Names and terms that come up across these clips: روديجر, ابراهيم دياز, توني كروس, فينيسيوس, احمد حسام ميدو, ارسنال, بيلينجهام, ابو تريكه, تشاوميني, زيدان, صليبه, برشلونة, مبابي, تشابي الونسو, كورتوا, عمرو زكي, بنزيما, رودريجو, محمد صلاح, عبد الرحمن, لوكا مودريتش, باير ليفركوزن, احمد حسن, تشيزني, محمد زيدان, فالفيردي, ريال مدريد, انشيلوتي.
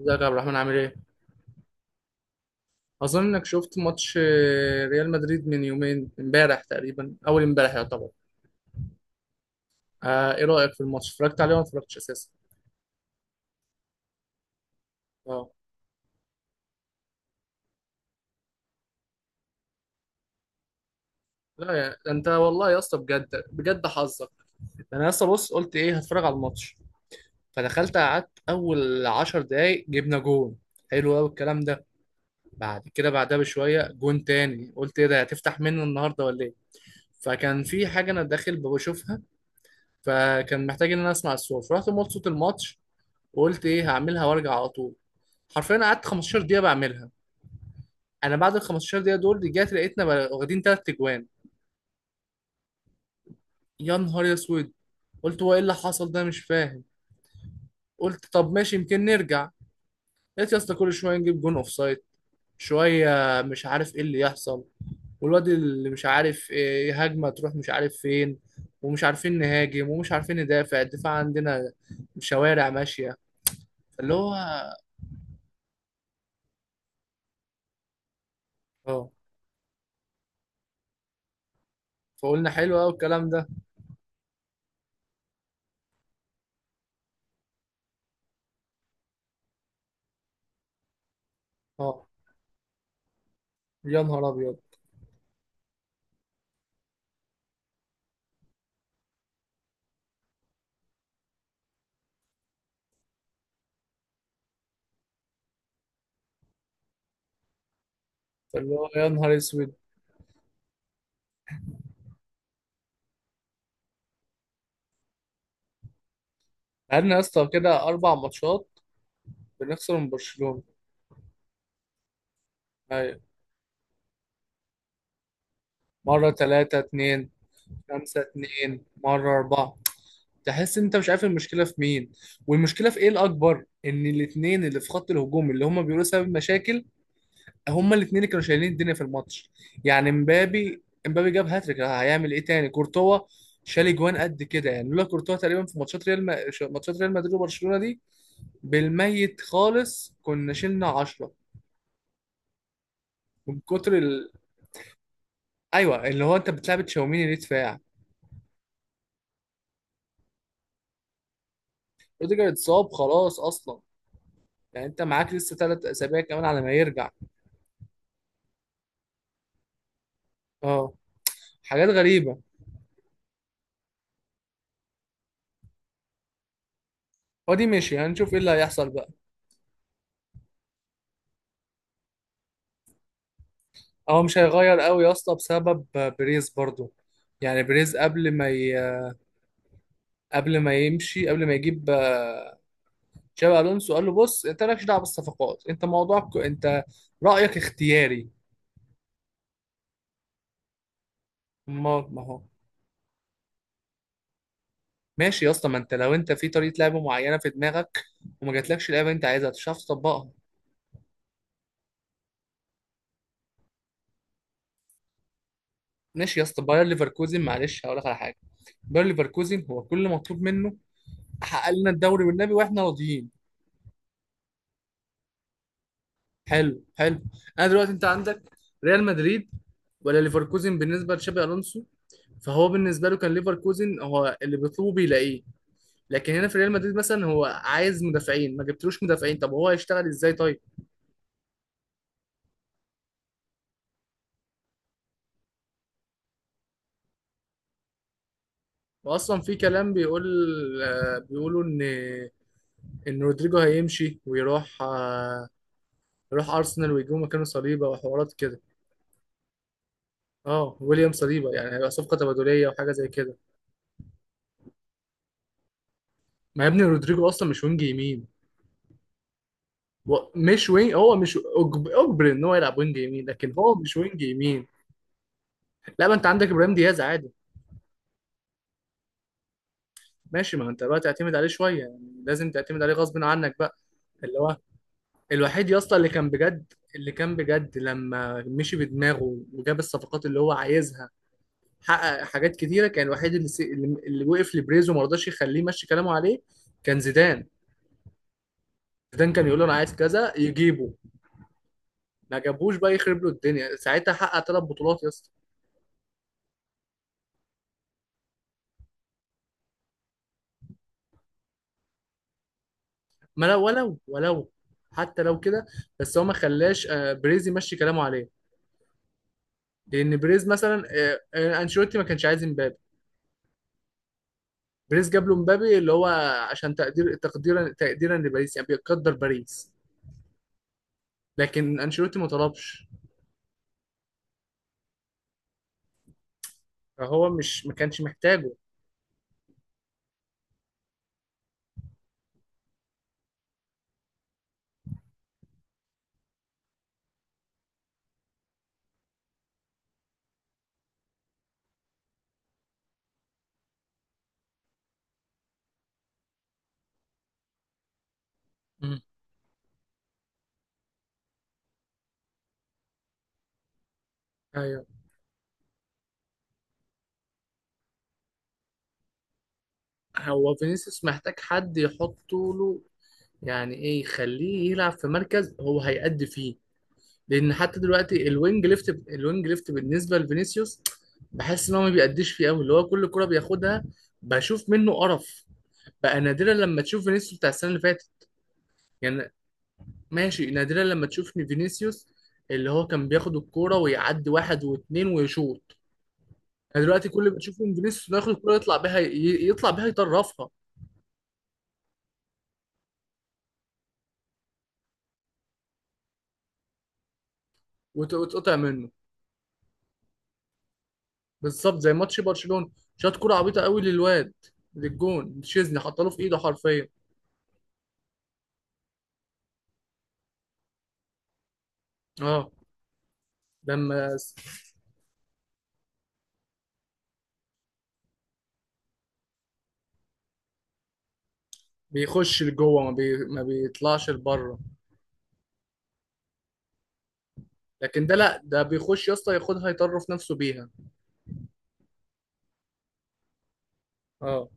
ازيك يا عبد الرحمن، عامل ايه؟ اظن انك شفت ماتش ريال مدريد من يومين امبارح تقريبا، اول امبارح يعتبر. ايه رايك في الماتش؟ اتفرجت عليه ولا ما اتفرجتش اساسا؟ اه. لا يا ده، انت والله يا اسطى بجد بجد حظك. ده انا يا اسطى بص، قلت ايه هتفرج على الماتش. فدخلت قعدت اول 10 دقايق جبنا جون. حلو قوي الكلام ده. بعد كده بعدها بشويه جون تاني، قلت ايه ده، هتفتح منه النهارده ولا ايه؟ فكان في حاجه انا داخل بشوفها، فكان محتاج ان انا اسمع الصوت، رحت موت صوت الماتش. وقلت ايه هعملها وارجع على طول. حرفيا قعدت 15 دقيقه بعملها. انا بعد ال 15 دقيقه دول رجعت لقيتنا واخدين 3 اجوان. يا نهار اسود. قلت هو ايه اللي حصل ده، مش فاهم. قلت طب ماشي، يمكن نرجع. لقيت يا اسطى كل شويه نجيب جون اوف سايد، شويه، مش عارف ايه اللي يحصل. والواد اللي مش عارف ايه، هجمه تروح مش عارف فين، ومش عارفين نهاجم ومش عارفين ندافع، الدفاع عندنا شوارع ماشيه. فاللي هو اه. فقلنا حلو قوي الكلام ده. اه، يا نهار ابيض. اللي هو يا نهار اسود. بقالنا يا اسطى كده 4 ماتشات بنخسر من برشلونة. ايوه، مرة تلاتة اتنين، خمسة اتنين، مرة أربعة. تحس انت مش عارف المشكلة في مين، والمشكلة في ايه الأكبر، ان الاتنين اللي في خط الهجوم، اللي هما بيقولوا سبب مشاكل، هما الاتنين اللي كانوا شايلين الدنيا في الماتش. يعني مبابي جاب هاتريك، هيعمل ايه تاني؟ كورتوا شال اجوان قد كده، يعني لولا كورتوا تقريبا في ماتشات ريال ما... ماتشات ريال مدريد وبرشلونة دي، بالميت خالص كنا شلنا 10. من كتر ال... ايوه، اللي هو انت بتلعب تشاوميني ليه دفاع؟ روديجر اتصاب خلاص اصلا، يعني انت معاك لسه 3 اسابيع كمان على ما يرجع. اه، حاجات غريبه. هو دي ماشي، هنشوف ايه اللي هيحصل بقى. هو مش هيغير قوي يا اسطى بسبب بريز برضو. يعني بريز قبل ما يمشي، قبل ما يجيب تشابي الونسو، قال له بص انت مالكش دعوه بالصفقات، انت موضوعك انت، رايك اختياري. ما هو. ماشي يا اسطى، ما انت لو انت في طريقه لعب معينه في دماغك، وما جاتلكش اللعبه اللي انت عايزها، مش هتعرف تطبقها. ماشي يا اسطى، باير ليفركوزن معلش هقول لك على حاجه. باير ليفركوزن هو كل اللي مطلوب منه، حقق لنا الدوري والنبي واحنا راضيين. حلو حلو. انا دلوقتي انت عندك ريال مدريد ولا ليفركوزن بالنسبه لتشابي الونسو؟ فهو بالنسبه له كان ليفركوزن، هو اللي بيطلبه بيلاقيه. لكن هنا في ريال مدريد مثلا، هو عايز مدافعين، ما جبتلوش مدافعين، طب هو هيشتغل ازاي طيب؟ واصلا في كلام بيقول بيقولوا ان ان رودريجو هيمشي ويروح يروح ارسنال، ويجيبوا مكانه صليبه وحوارات كده. اه، ويليام صليبه، يعني هيبقى صفقه تبادليه وحاجه زي كده. ما يا ابني رودريجو اصلا مش وينج يمين. مش وينج، هو مش اجبر ان هو يلعب وينج يمين، لكن هو مش وينج يمين. لا، ما انت عندك ابراهيم دياز عادي. ماشي، ما انت بقى تعتمد عليه شويه يعني، لازم تعتمد عليه غصب عنك بقى. اللي هو الوحيد يا اسطى اللي كان بجد، لما مشي بدماغه وجاب الصفقات اللي هو عايزها، حقق حاجات كتيره. كان الوحيد اللي وقف لبريز وما رضاش يخليه يمشي كلامه عليه، كان زيدان. زيدان كان يقول له انا عايز كذا يجيبه، ما جابوش بقى يخرب له الدنيا، ساعتها حقق 3 بطولات يا اسطى. ما لو ولو ولو، حتى لو كده، بس هو ما خلاش بريز يمشي كلامه عليه. لان بريز مثلا انشيلوتي ما كانش عايز مبابي، بريز جاب له مبابي، اللي هو عشان تقديرا لباريس، يعني بيقدر باريس. لكن انشيلوتي ما طلبش، فهو مش ما كانش محتاجه. مم. ايوه، هو فينيسيوس محتاج حد يحطه له، يعني ايه يخليه يلعب في مركز هو هيأدي فيه. لان حتى دلوقتي الوينج ليفت بالنسبه لفينيسيوس بحس ان هو ما بيأديش فيه قوي، اللي هو كل كرة بياخدها بشوف منه قرف. بقى نادرا لما تشوف فينيسيوس بتاع السنه اللي فاتت، يعني ماشي، نادرا لما تشوف إن فينيسيوس، اللي هو كان بياخد الكوره ويعدي واحد واثنين ويشوط. يعني دلوقتي كل اللي بتشوفه من فينيسيوس إنه ياخد الكوره يطلع بيها يطرفها وتقطع منه. بالظبط زي ماتش برشلونة، شاط كرة عبيطة قوي للواد، للجون تشيزني، حطله في ايده حرفيا. اه، لما س- بيخش لجوه ما بيطلعش لبره. لكن ده، لا ده بيخش يا اسطى، ياخدها يطرف نفسه بيها. اه.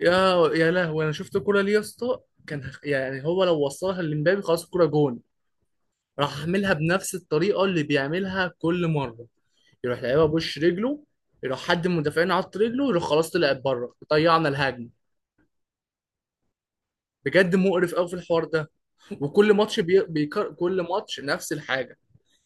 يا يا لهوي، انا شفت الكرة دي يا اسطى، كان يعني هو لو وصلها لمبابي خلاص الكرة جون. راح عاملها بنفس الطريقة اللي بيعملها كل مرة، يروح لعيبها بوش رجله، يروح حد من المدافعين عط رجله، يروح خلاص طلعت بره، ضيعنا الهجمة. بجد مقرف قوي في الحوار ده. وكل ماتش كل ماتش نفس الحاجه.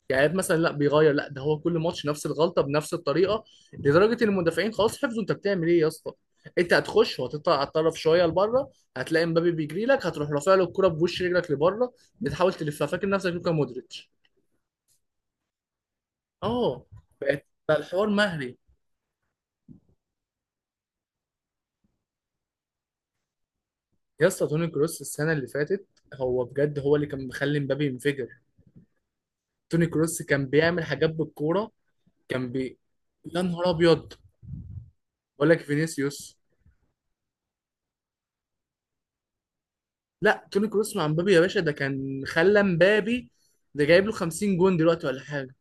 يعني مثلا لا بيغير، لا ده هو كل ماتش نفس الغلطه بنفس الطريقه، لدرجه ان المدافعين خلاص حفظوا انت بتعمل ايه يا اسطى. انت هتخش وهتطلع على الطرف شويه لبره، هتلاقي مبابي بيجري لك، هتروح رافع له الكره بوش رجلك لبره، بتحاول تلفها فاكر نفسك لوكا مودريتش. اه، بقت بقى الحوار مهري. يا اسطى توني كروس السنه اللي فاتت، هو اللي كان مخلي مبابي ينفجر. توني كروس كان بيعمل حاجات بالكوره، كان بي يا نهار ابيض. بقول لك فينيسيوس، لا توني كروس مع مبابي يا باشا ده كان خلى مبابي، ده جايب له 50 جون دلوقتي ولا حاجه.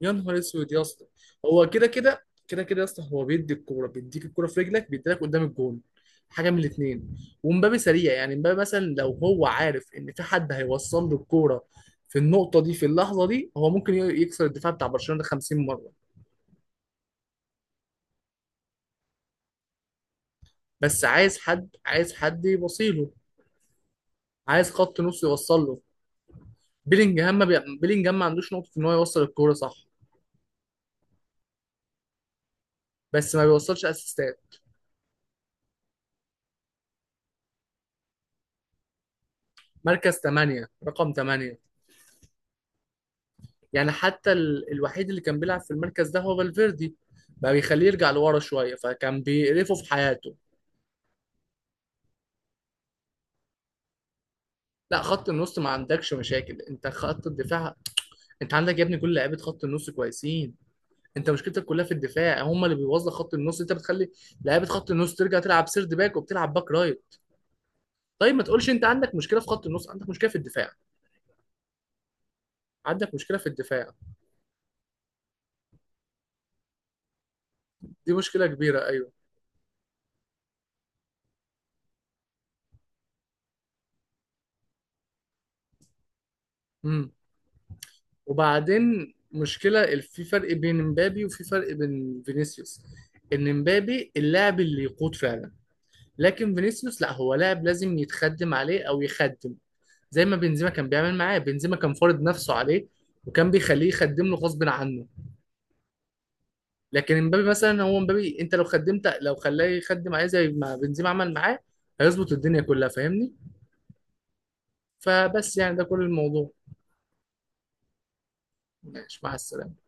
يا نهار اسود يا اسطى. هو كده كده كده كده يا اسطى، هو بيدي الكوره، بيديك الكوره في رجلك، بيديلك قدام الجون، حاجه من الاثنين. ومبابي سريع، يعني مبابي مثلا لو هو عارف ان في حد هيوصل له الكوره في النقطه دي في اللحظه دي، هو ممكن يكسر الدفاع بتاع برشلونه ده 50 مره. بس عايز حد، يبصيله، عايز خط نص يوصل له. بيلينجهام ما بي... بيلينجهام ما عندوش نقطه ان هو يوصل الكوره صح، بس ما بيوصلش اسيستات. مركز 8، رقم 8. يعني الوحيد اللي كان بيلعب في المركز ده هو فالفيردي، بقى بيخليه يرجع لورا شويه فكان بيقرفه في حياته. لا، خط النص ما عندكش مشاكل، انت خط الدفاع. انت عندك يا ابني كل لعيبه خط النص كويسين، انت مشكلتك كلها في الدفاع، هم اللي بيوظف خط النص، انت بتخلي لعيبه خط النص ترجع تلعب سيرد باك وبتلعب باك رايت. طيب ما تقولش انت عندك مشكله في خط النص، عندك مشكله في الدفاع. عندك مشكله في الدفاع، دي مشكله كبيره ايوه. مم. وبعدين في فرق بين مبابي وفي فرق بين فينيسيوس، ان مبابي اللاعب اللي يقود فعلا، لكن فينيسيوس لا، هو لاعب لازم يتخدم عليه او يخدم. زي ما بنزيما كان بيعمل معاه، بنزيما كان فارض نفسه عليه وكان بيخليه يخدم له غصب عنه. لكن مبابي مثلا، هو مبابي انت لو خدمت، لو خلاه يخدم عليه زي ما بنزيما عمل معاه، هيظبط الدنيا كلها فاهمني. فبس يعني ده كل الموضوع. ماشي مع السلامة.